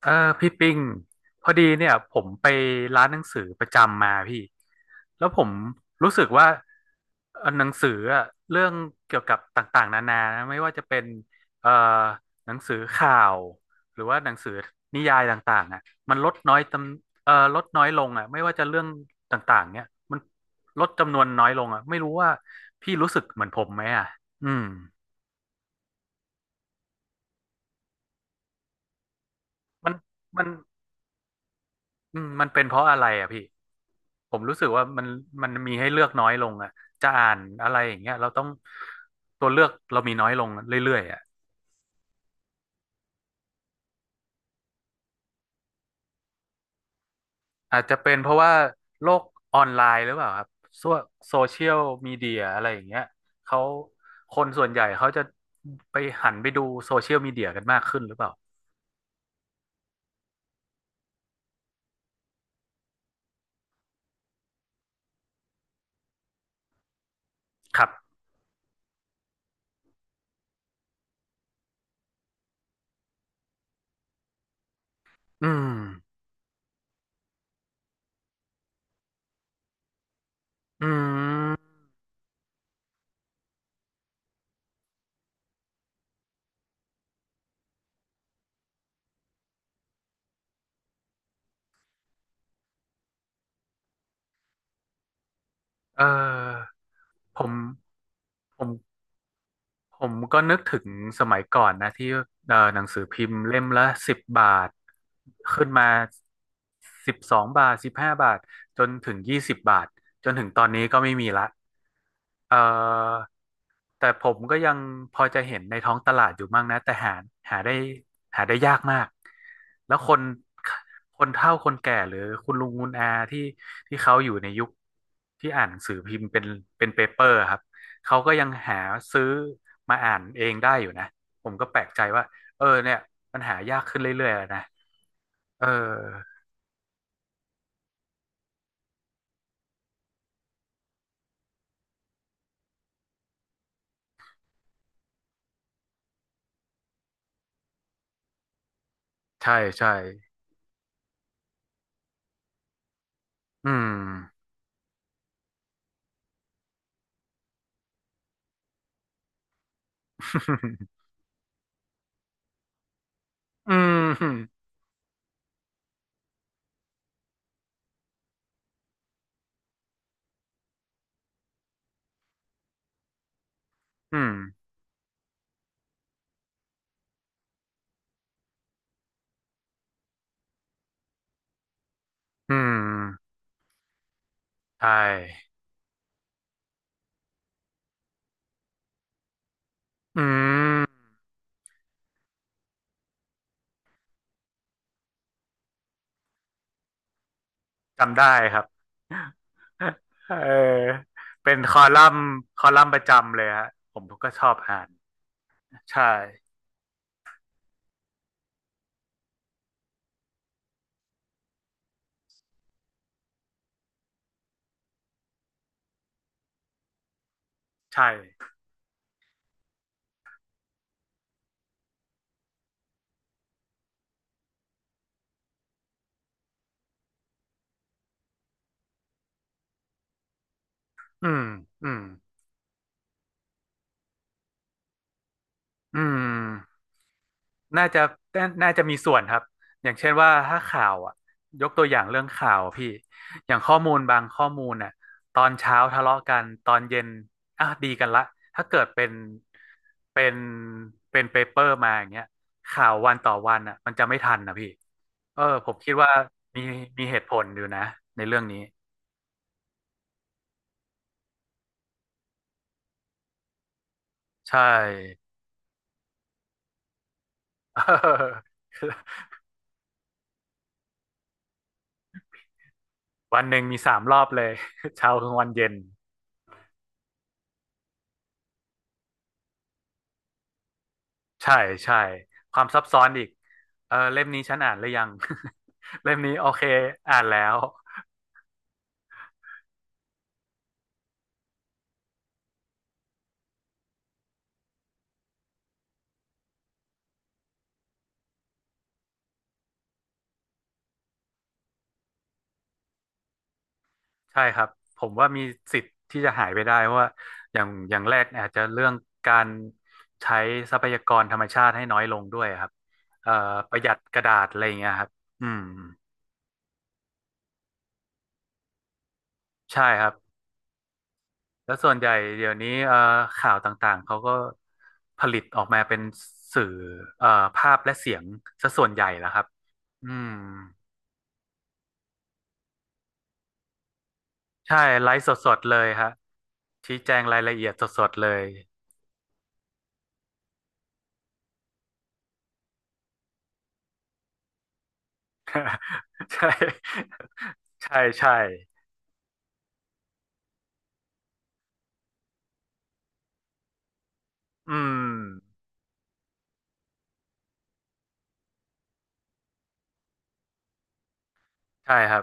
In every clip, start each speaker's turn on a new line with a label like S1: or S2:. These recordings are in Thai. S1: เออพี่ปิงพอดีเนี่ยผมไปร้านหนังสือประจำมาพี่แล้วผมรู้สึกว่าหนังสืออะเรื่องเกี่ยวกับต่างๆนานานะไม่ว่าจะเป็นเอ่อหนังสือข่าวหรือว่าหนังสือนิยายต่างๆอ่ะมันลดน้อยลงอ่ะไม่ว่าจะเรื่องต่างๆเนี่ยมันลดจำนวนน้อยลงอ่ะไม่รู้ว่าพี่รู้สึกเหมือนผมไหมอ่ะอืมมันมัน มันเป็นเพราะอะไรอ่ะพี่ผมรู้สึกว่ามันมีให้เลือกน้อยลงอ่ะจะอ่านอะไรอย่างเงี้ยเราต้องตัวเลือกเรามีน้อยลงเรื่อยๆอ่ะอาจจะเป็นเพราะว่าโลกออนไลน์หรือเปล่าครับโซโซเชียลมีเดียอะไรอย่างเงี้ยเขาคนส่วนใหญ่เขาจะไปหันไปดูโซเชียลมีเดียกันมากขึ้นหรือเปล่าครับอืมอืมเออผมผม ผมก็นึกถึงสมัยก่อนนะที่หนังสือพิมพ์เล่มละสิบบาทขึ้นมา12 บาท15 บาทจนถึง20 บาทจนถึงตอนนี้ก็ไม่มีละเอ่อ แต่ผมก็ยังพอจะเห็นในท้องตลาดอยู่มั่งนะแต่หาได้หาได้ยากมากแล้วคนเฒ่าคนแก่หรือคุณลุงคุณอาที่เขาอยู่ในยุคที่อ่านหนังสือพิมพ์เป็นเปเปอร์ครับเขาก็ยังหาซื้อมาอ่านเองได้อยู่นะผมก็แปลกใจว่าเออเนี่ยมันหายากขึ้นเรื่อยๆแล้วนะเออใช่ใช่อืม อืมอืมอืมใช่อืม จำได้ครับเออเป็นคอลัมน์คอลัมน์ประจำเลยฮะผมก็ชอบอ่านใช่ ใช่ อืมอืมอืมน่าจะน่าจะมีส่วนครับ อย่างเช่นว่าถ้าข่าวอ่ะยกตัวอย่างเรื่องข่าวพี่ อย่างข้อมูลบางข้อมูลน่ะตอนเช้าทะเลาะกันตอนเย็นอ่ะดีกันละถ้าเกิดเป็นเป็นเปเปอร์มาอย่างเงี้ยข่าววันต่อวันอ่ะมันจะไม่ทันนะพี่ เออผมคิดว่ามีมีเหตุผลอยู่นะในเรื่องนี้ใช่ วันหนึ่งมี3 รอบเลย เช้ากลางวันเย็นใช่ใช่ความซับซ้อนอีกเออเล่มนี้ฉันอ่านหรือยัง เล่มนี้โอเคอ่านแล้วใช่ครับผมว่ามีสิทธิ์ที่จะหายไปได้เพราะว่าอย่างแรกอาจจะเรื่องการใช้ทรัพยากรธรรมชาติให้น้อยลงด้วยครับเอ่อประหยัดกระดาษอะไรอย่างเงี้ยครับอืมใช่ครับ แล้วส่วนใหญ่เดี๋ยวนี้ข่าวต่างๆเขาก็ผลิตออกมาเป็นสื่อเอ่อภาพและเสียงซะส่วนใหญ่แล้วครับอืมใช่ไลฟ์สดๆเลยฮะชี้แจงรายละเอียดสดๆเลย ใช่ ใช่ใช่อืมใช่ครับ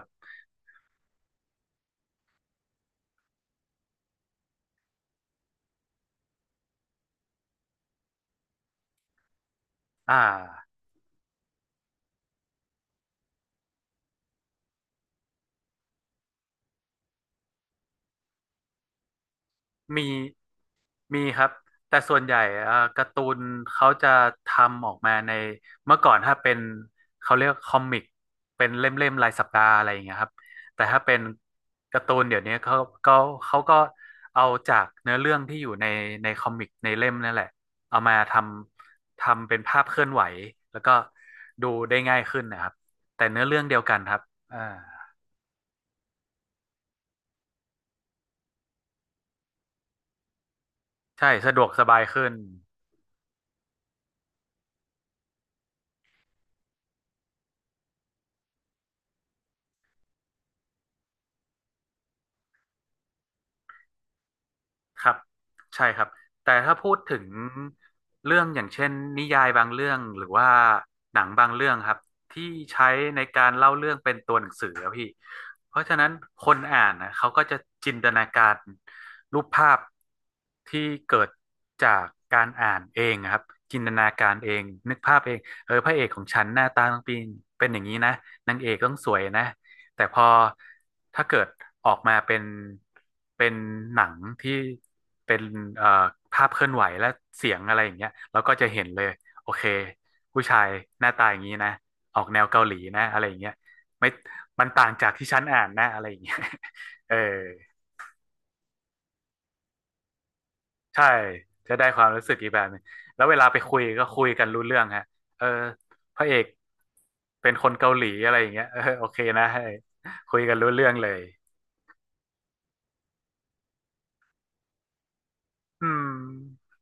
S1: อ่า มีมีครับแต่ส่วนใหญ่การ์ตูนเขาจะทำออกมาในเมื่อก่อนถ้าเป็นเขาเรียกคอมิกเป็นเล่มๆรายสัปดาห์อะไรอย่างเงี้ยครับแต่ถ้าเป็นการ์ตูนเดี๋ยวนี้ก็เขาก็เอาจากเนื้อเรื่องที่อยู่ในคอมิกในเล่มนั่นแหละเอามาทำเป็นภาพเคลื่อนไหวแล้วก็ดูได้ง่ายขึ้นนะครับแต่เนื้อเรื่องเดียวกันครับอ่าใช่สะดวกสบายขึ้น ครับใช่ครับแต่ถ้าพูดถึงเรื่องอย่างเช่นนิยายบางเรื่องหรือว่าหนังบางเรื่องครับที่ใช้ในการเล่าเรื่องเป็นตัวหนังสือครับพี่เพราะฉะนั้นคนอ่านนะเขาก็จะจินตนาการรูปภาพที่เกิดจากการอ่านเองครับจินตนาการเองนึกภาพเองเออพระเอกของฉันหน้าตาต้องเป็นอย่างนี้นะนางเอกต้องสวยนะ แต่พอถ้าเกิดออกมาเป็นหนังที่เป็นเอ่อภาพเคลื่อนไหวและเสียงอะไรอย่างเงี้ยเราก็จะเห็นเลยโอเคผู้ชายหน้าตาอย่างนี้นะออกแนวเกาหลีนะอะไรอย่างเงี้ยไม่มันต่างจากที่ฉันอ่านนะอะไรอย่างเงี้ย เออใช่จะได้ความรู้สึกอีกแบบหนึงแล้วเวลาไปคุยก็คุยกันรู้เรื่องฮะเออพระเอกเป็นคนเกาหลีอะไรอย่างเงี้ยเออโอเคนะให้คุยกันรู้เรื่องเลยอืม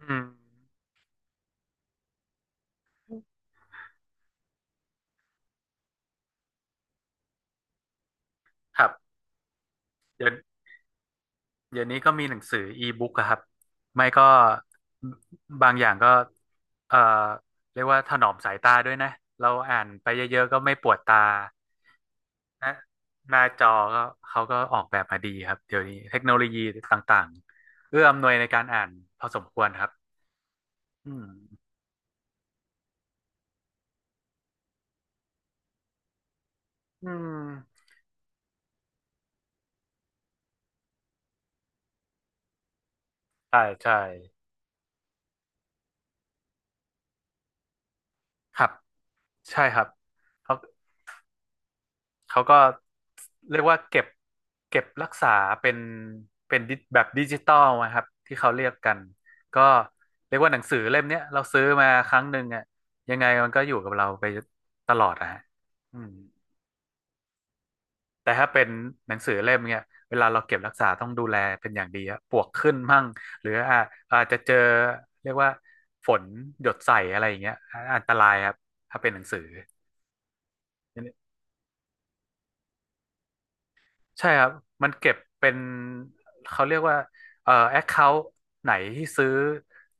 S1: อืมครับเดี๋ยวเดี๋ยวนี้ก็มีหนังสืออีบุ๊กครับไม่ก็บบางอย่างก็เอ่อเรียกว่าถนอมสายตาด้วยนะเราอ่านไปเยอะๆก็ไม่ปวดตานะหน้าจอก็เขาก็ออกแบบมาดีครับเดี๋ยวนี้เทคโนโลยีต่างๆเอื้ออำนวยในการอ่านพอสมควรครับอืมอืมใช่ใช่ครับใช่ครับเขา เขาก็เรียกว่าเก็บรักษาเป็นเป็นดิแบบดิจิตอลนะครับที่เขาเรียกกันก็เรียกว่าหนังสือเล่มเนี้ยเราซื้อมาครั้งหนึ่งอ่ะยังไงมันก็อยู่กับเราไปตลอดอะฮะอืมแต่ถ้าเป็นหนังสือเล่มเนี้ยเวลาเราเก็บรักษาต้องดูแลเป็นอย่างดีอะปลวกขึ้นมั่งหรืออาจจะเจอเรียกว่าฝนหยดใส่อะไรอย่างเงี้ยอันตรายครับถ้าเป็นหนังสือ ใช่ครับ มันเก็บเป็นเขาเรียกว่าแอคเคาท์ไหนที่ซื้อ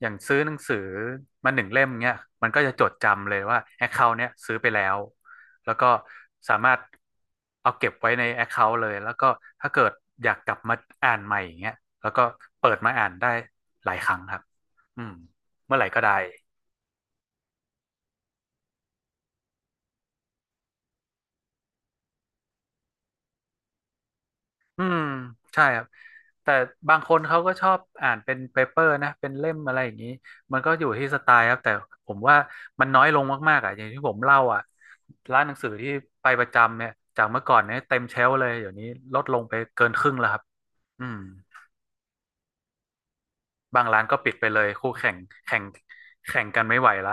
S1: อย่างซื้อหนังสือมาหนึ่งเล่มเนี้ยมันก็จะจดจำเลยว่าแอคเคาท์เนี้ยซื้อไปแล้วแล้วก็สามารถเอาเก็บไว้ในแอคเคาท์เลยแล้วก็ถ้าเกิดอยากกลับมาอ่านใหม่อย่างเงี้ยแล้วก็เปิดมาอ่านได้หลายครั้งครับอืมเมื่อไหร่ก็ได้ อืมใช่ครับแต่บางคนเขาก็ชอบอ่านเป็นเปเปอร์นะเป็นเล่มอะไรอย่างนี้มันก็อยู่ที่สไตล์ครับแต่ผมว่ามันน้อยลงมากๆอ่ะอย่างที่ผมเล่าอ่ะร้านหนังสือที่ไปประจำเนี่ยจากเมื่อก่อนเนี่ยเต็มเชลฟ์เลยเดี๋ยวนี้ลดลงไปเกินครึ่งแล้วครับอืมบางร้านก็ปิดไปเลยคู่แข่งแข่งแข่งกันไม่ไหวละ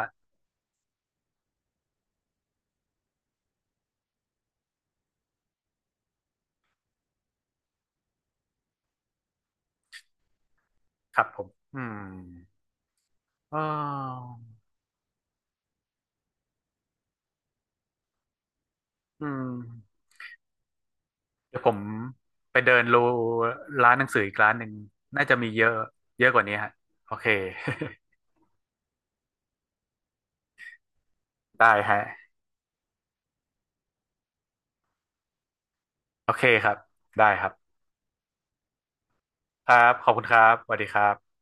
S1: ครับผมอืมอ๋ออืม เดี๋ยวผมไปเดินร้านหนังสืออีกร้านหนึ่งน่าจะมีเยอะเยอะกว่านี้ฮะโอเค ได้ฮะโอเคครับได้ครับครับขอบคุณครับสวัสดีครับ